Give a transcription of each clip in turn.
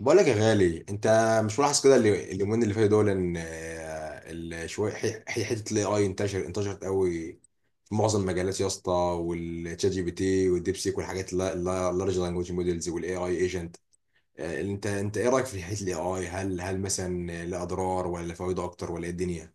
بقول لك يا غالي انت مش ملاحظ كده اليومين اللي فاتوا دول ان شويه حته الاي اي انتشرت قوي في معظم المجالات يا اسطى، والتشات جي بي تي والديب سيك والحاجات اللارج لانجوج موديلز والاي اي ايجنت. انت ايه رايك في حته الاي اي؟ هل مثلا له اضرار ولا فوائده اكتر، ولا ايه الدنيا؟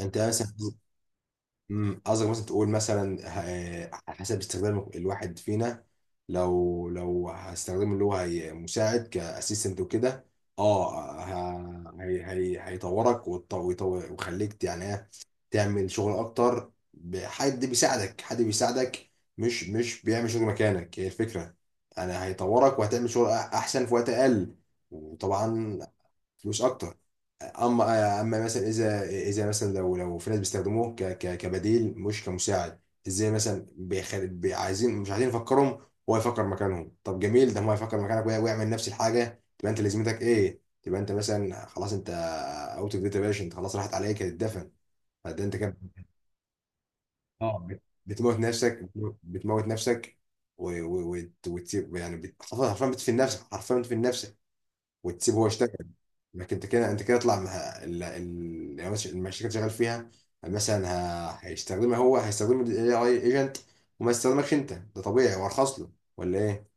انت مثلا. قصدك مثلا تقول مثلا، على حسب استخدام الواحد فينا. لو هستخدمه اللي هو مساعد كاسيستنت وكده، هي هيطورك ويخليك يعني تعمل شغل اكتر، حد بيساعدك، حد بيساعدك. مش بيعمل شغل مكانك، هي الفكره. انا هيطورك وهتعمل شغل احسن في وقت اقل. وطبعا مش اكتر. اما مثلا اذا مثلا، لو في ناس بيستخدموه ك كبديل مش كمساعد، ازاي مثلا؟ عايزين، مش عايزين يفكرهم، هو يفكر مكانهم. طب جميل، ده هو يفكر مكانك ويعمل نفس الحاجه، تبقى انت لازمتك ايه؟ تبقى انت مثلا خلاص، انت اوت اوف ديت يا باشا، انت خلاص راحت عليك، هتتدفن. فده انت كده بتموت نفسك، بتموت نفسك و... و... وت... وت... يعني بت... حرفيا بتدفن نفسك، حرفيا بتدفن نفسك، وتسيبه هو يشتغل. انك انت كده، انت كده اطلع مع يعني مثلا المشاريع اللي شغال فيها مثلا، هيستخدمها هو، هيستخدم الاي اي ايجنت، وما يستخدمكش انت. ده طبيعي وارخص له، ولا ايه؟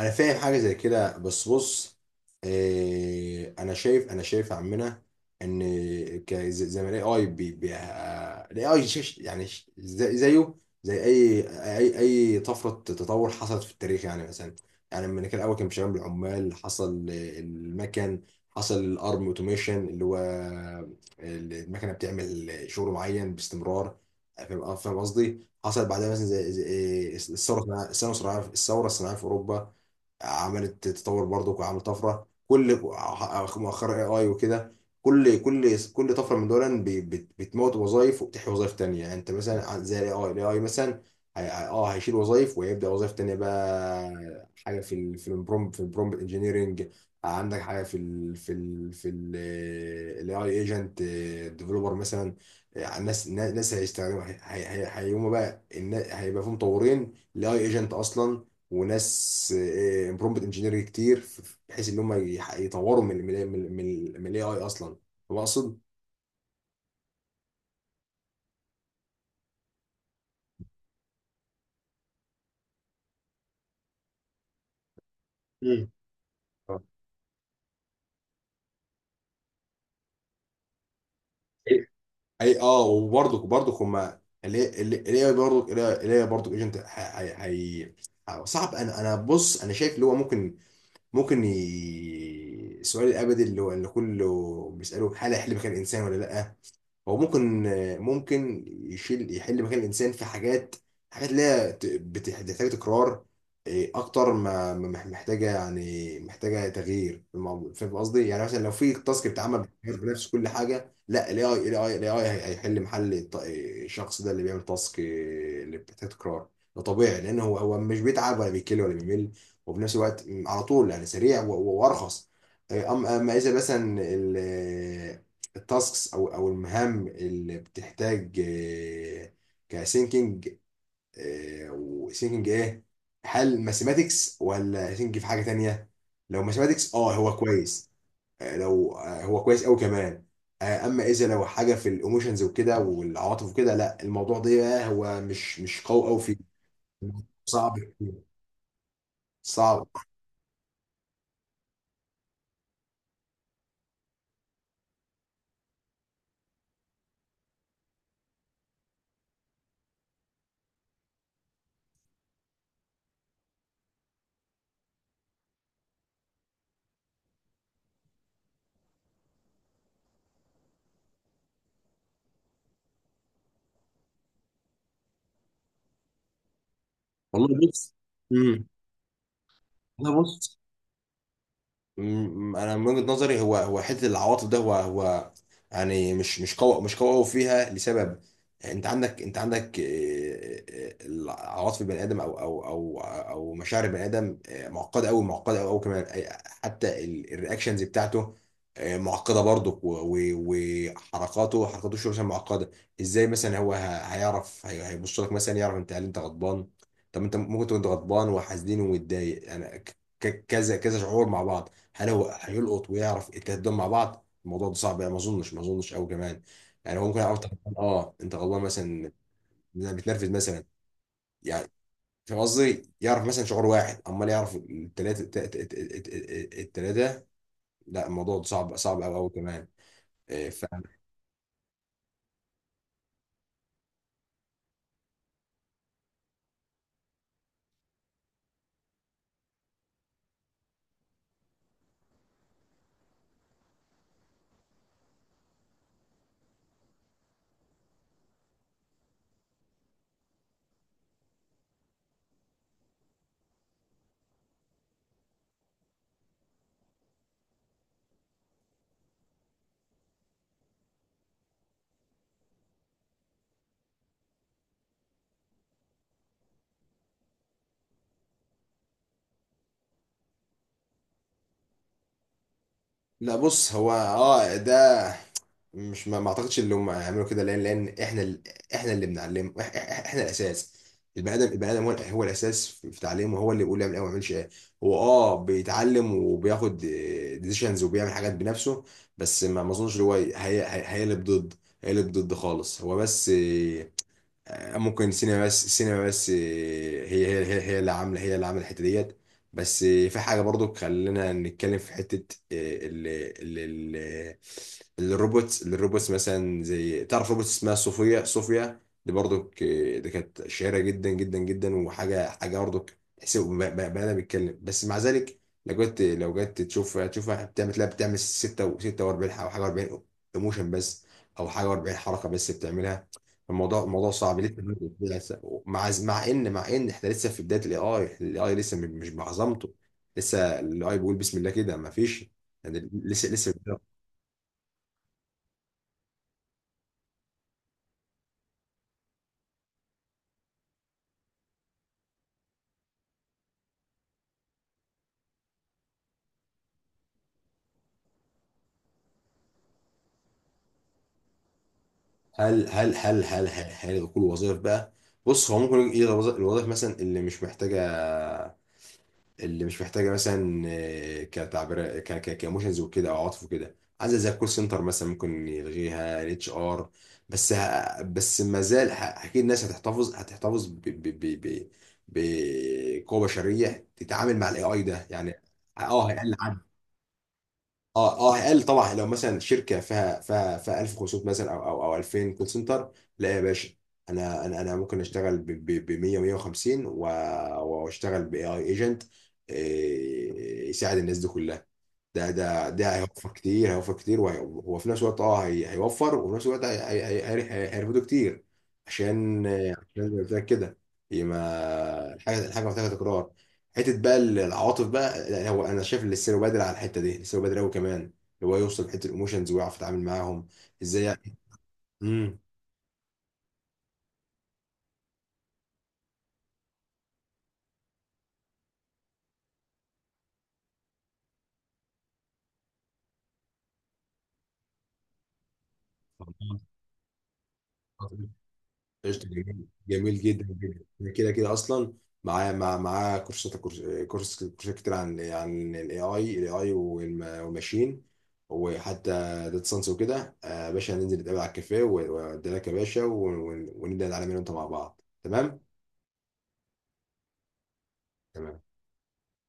انا فاهم حاجه زي كده، بس بص انا شايف يا عمنا ان زي ما الاي اي بي بي الاي اي يعني زي زيه، زي اي طفره تطور حصلت في التاريخ. يعني مثلا، يعني لما كان الاول كان بيشتغل بالعمال، حصل المكن، حصل الارم اوتوميشن اللي هو المكنه بتعمل شغل معين باستمرار، فاهم؟ فاهم قصدي؟ حصل بعدها مثلا الثوره الصناعيه الثورة الصناعية في اوروبا، عملت تطور برضه وعملت طفره. كل مؤخرا اي اي وكده، كل طفره من دول بتموت وظائف وبتحيي وظائف تانية. يعني انت مثلا زي الاي اي مثلا، هيشيل وظائف ويبدا وظائف تانية. بقى حاجه في في البرومبت، في البرومبت انجينيرنج، عندك حاجه في ال في ال في الاي اي ايجنت ديفلوبر مثلا. ناس هيستخدموا، هيقوموا بقى هيبقى في مطورين الاي ايجنت اصلا، وناس برومبت انجينير كتير، بحيث ان هم يطوروا من من من من الاي اي اصلا، فاهم اقصد؟ مم. آه. اي، اه، وبرضك هم الاي اي برضك، الاي اي برضك ايجنت صعب. انا انا بص، انا شايف اللي هو ممكن، ممكن السؤال الابدي اللي هو اللي كله بيساله: هل هيحل مكان الانسان ولا لا؟ هو ممكن، ممكن يشيل، يحل مكان الانسان في حاجات، حاجات اللي هي بتحتاج تكرار اكتر، ما محتاجه، يعني محتاجه تغيير في الموضوع، فاهم قصدي؟ يعني مثلا لو في تاسك بيتعمل بتغير بنفس كل حاجه، لا، الاي اي الاي الاي هيحل محل الشخص ده اللي بيعمل تاسك اللي بتحتاج تكرار. ده طبيعي، لان هو هو مش بيتعب ولا بيكل ولا بيمل، وفي نفس الوقت على طول، يعني سريع وارخص. اما مثلا التاسكس او او المهام اللي بتحتاج كسينكينج، وسينكينج ايه؟ هل ماثيماتكس ولا سينك في حاجه تانية؟ لو ماثيماتكس اه هو كويس، لو هو كويس قوي كمان. اما اذا لو حاجه في الايموشنز وكده والعواطف وكده، لا، الموضوع ده بقى هو مش قوي فيه. صعب كتير، صعب. والله بص. امم والله بص، انا من وجهة نظري هو، هو حته العواطف ده، هو هو يعني مش قوي، مش قوي فيها، لسبب. انت عندك العواطف، البني ادم او او او او مشاعر البني ادم معقده قوي، معقده قوي كمان. حتى الرياكشنز بتاعته معقده برضه، وحركاته، حركاته شو مثلا معقده. ازاي مثلا هو هيعرف هيبص لك مثلا يعرف انت هل انت غضبان؟ طب انت ممكن تكون أنت غضبان وحزين ومتضايق، يعني كذا كذا شعور مع بعض. هل هو هيلقط ويعرف التلات دول مع بعض؟ الموضوع ده صعب يعني، ما اظنش، ما اظنش. قوي كمان يعني، هو ممكن يعرف طب اه انت غضبان مثلا، إنك بتنرفز مثلا، يعني فاهم قصدي؟ يعرف مثلا شعور واحد، امال يعرف التلاته؟ التلاته. لا، الموضوع ده صعب، صعب قوي قوي كمان. لا بص، هو اه ده، مش، ما ما اعتقدش ان هم هيعملوا كده، لان احنا احنا اللي بنعلم احنا الاساس. البني ادم هو هو الاساس في في تعليمه، هو اللي بيقول يعمل ايه وما يعملش ايه. هو اه بيتعلم وبياخد ديسيشنز وبيعمل حاجات بنفسه. بس ما ما اظنش إن هو هيقلب ضد، هيقلب ضد خالص. هو بس ممكن سينما، بس سينما بس. هي اللي عامله، هي اللي عامله الحته ديت. بس في حاجه برضو، خلينا نتكلم في حته ال ال ال الروبوتس مثلا. زي تعرف روبوت اسمها صوفيا؟ صوفيا دي برضو، دي كانت شهيره جدا جدا جدا. وحاجه، حاجه برضو تحسب بني ادم بيتكلم، بس مع ذلك لو جت، لو جت تشوفها، تشوفها بتعمل، تلاقي بتعمل 6 و 46 حاجه، حاجه و40 ايموشن بس، او حاجه و40 حركه بس بتعملها. الموضوع، الموضوع صعب لسه، مع مع ان، مع ان احنا لسه في بدايه الاي اي، الاي اي لسه مش بعظمته، لسه الاي اي بيقول بسم الله كده، ما فيش يعني لسه، لسه. هل كل وظائف بقى؟ بص، هو ممكن يلغي الوظائف مثلا اللي مش محتاجه، اللي مش محتاجه مثلا كتعبير كايموشنز وكده او عاطف وكده، عايزه زي الكول سنتر مثلا، ممكن يلغيها الاتش ار. بس ما زال، اكيد الناس هتحتفظ بقوه بشريه تتعامل مع الاي اي ده يعني. اه هيقل عدد. اه قال، طبعا لو مثلا شركه فيها 1500 مثلا او او او 2000 كول سنتر، لا يا باشا، انا ممكن اشتغل ب 100 150 واشتغل باي اي ايجنت يساعد الناس دي كلها. ده هيوفر كتير، هيوفر كتير، وهو في نفس الوقت، اه هيوفر، وفي نفس الوقت هيرفضه كتير. عشان، عشان زي ما قلت لك كده، هي ما الحاجه، الحاجه محتاجه تكرار. حته بقى العواطف بقى، لا، هو انا شايف ان لسه بادر على الحته دي، لسه بادر قوي كمان، اللي هو يوصل لحته الايموشنز ويعرف يتعامل معاهم، ازاي يعني؟ امم قشطة، جميل جميل جدا جدا، أنا كده كده اصلا معاه، معاه كورسات، كورسات كتير عن الاي اي، الاي اي والماشين، وحتى داتا ساينس وكده. يا باشا هننزل نتقابل على الكافيه، وادي لك يا باشا ونبدا نتعلم انا وانت مع بعض، تمام؟ تمام.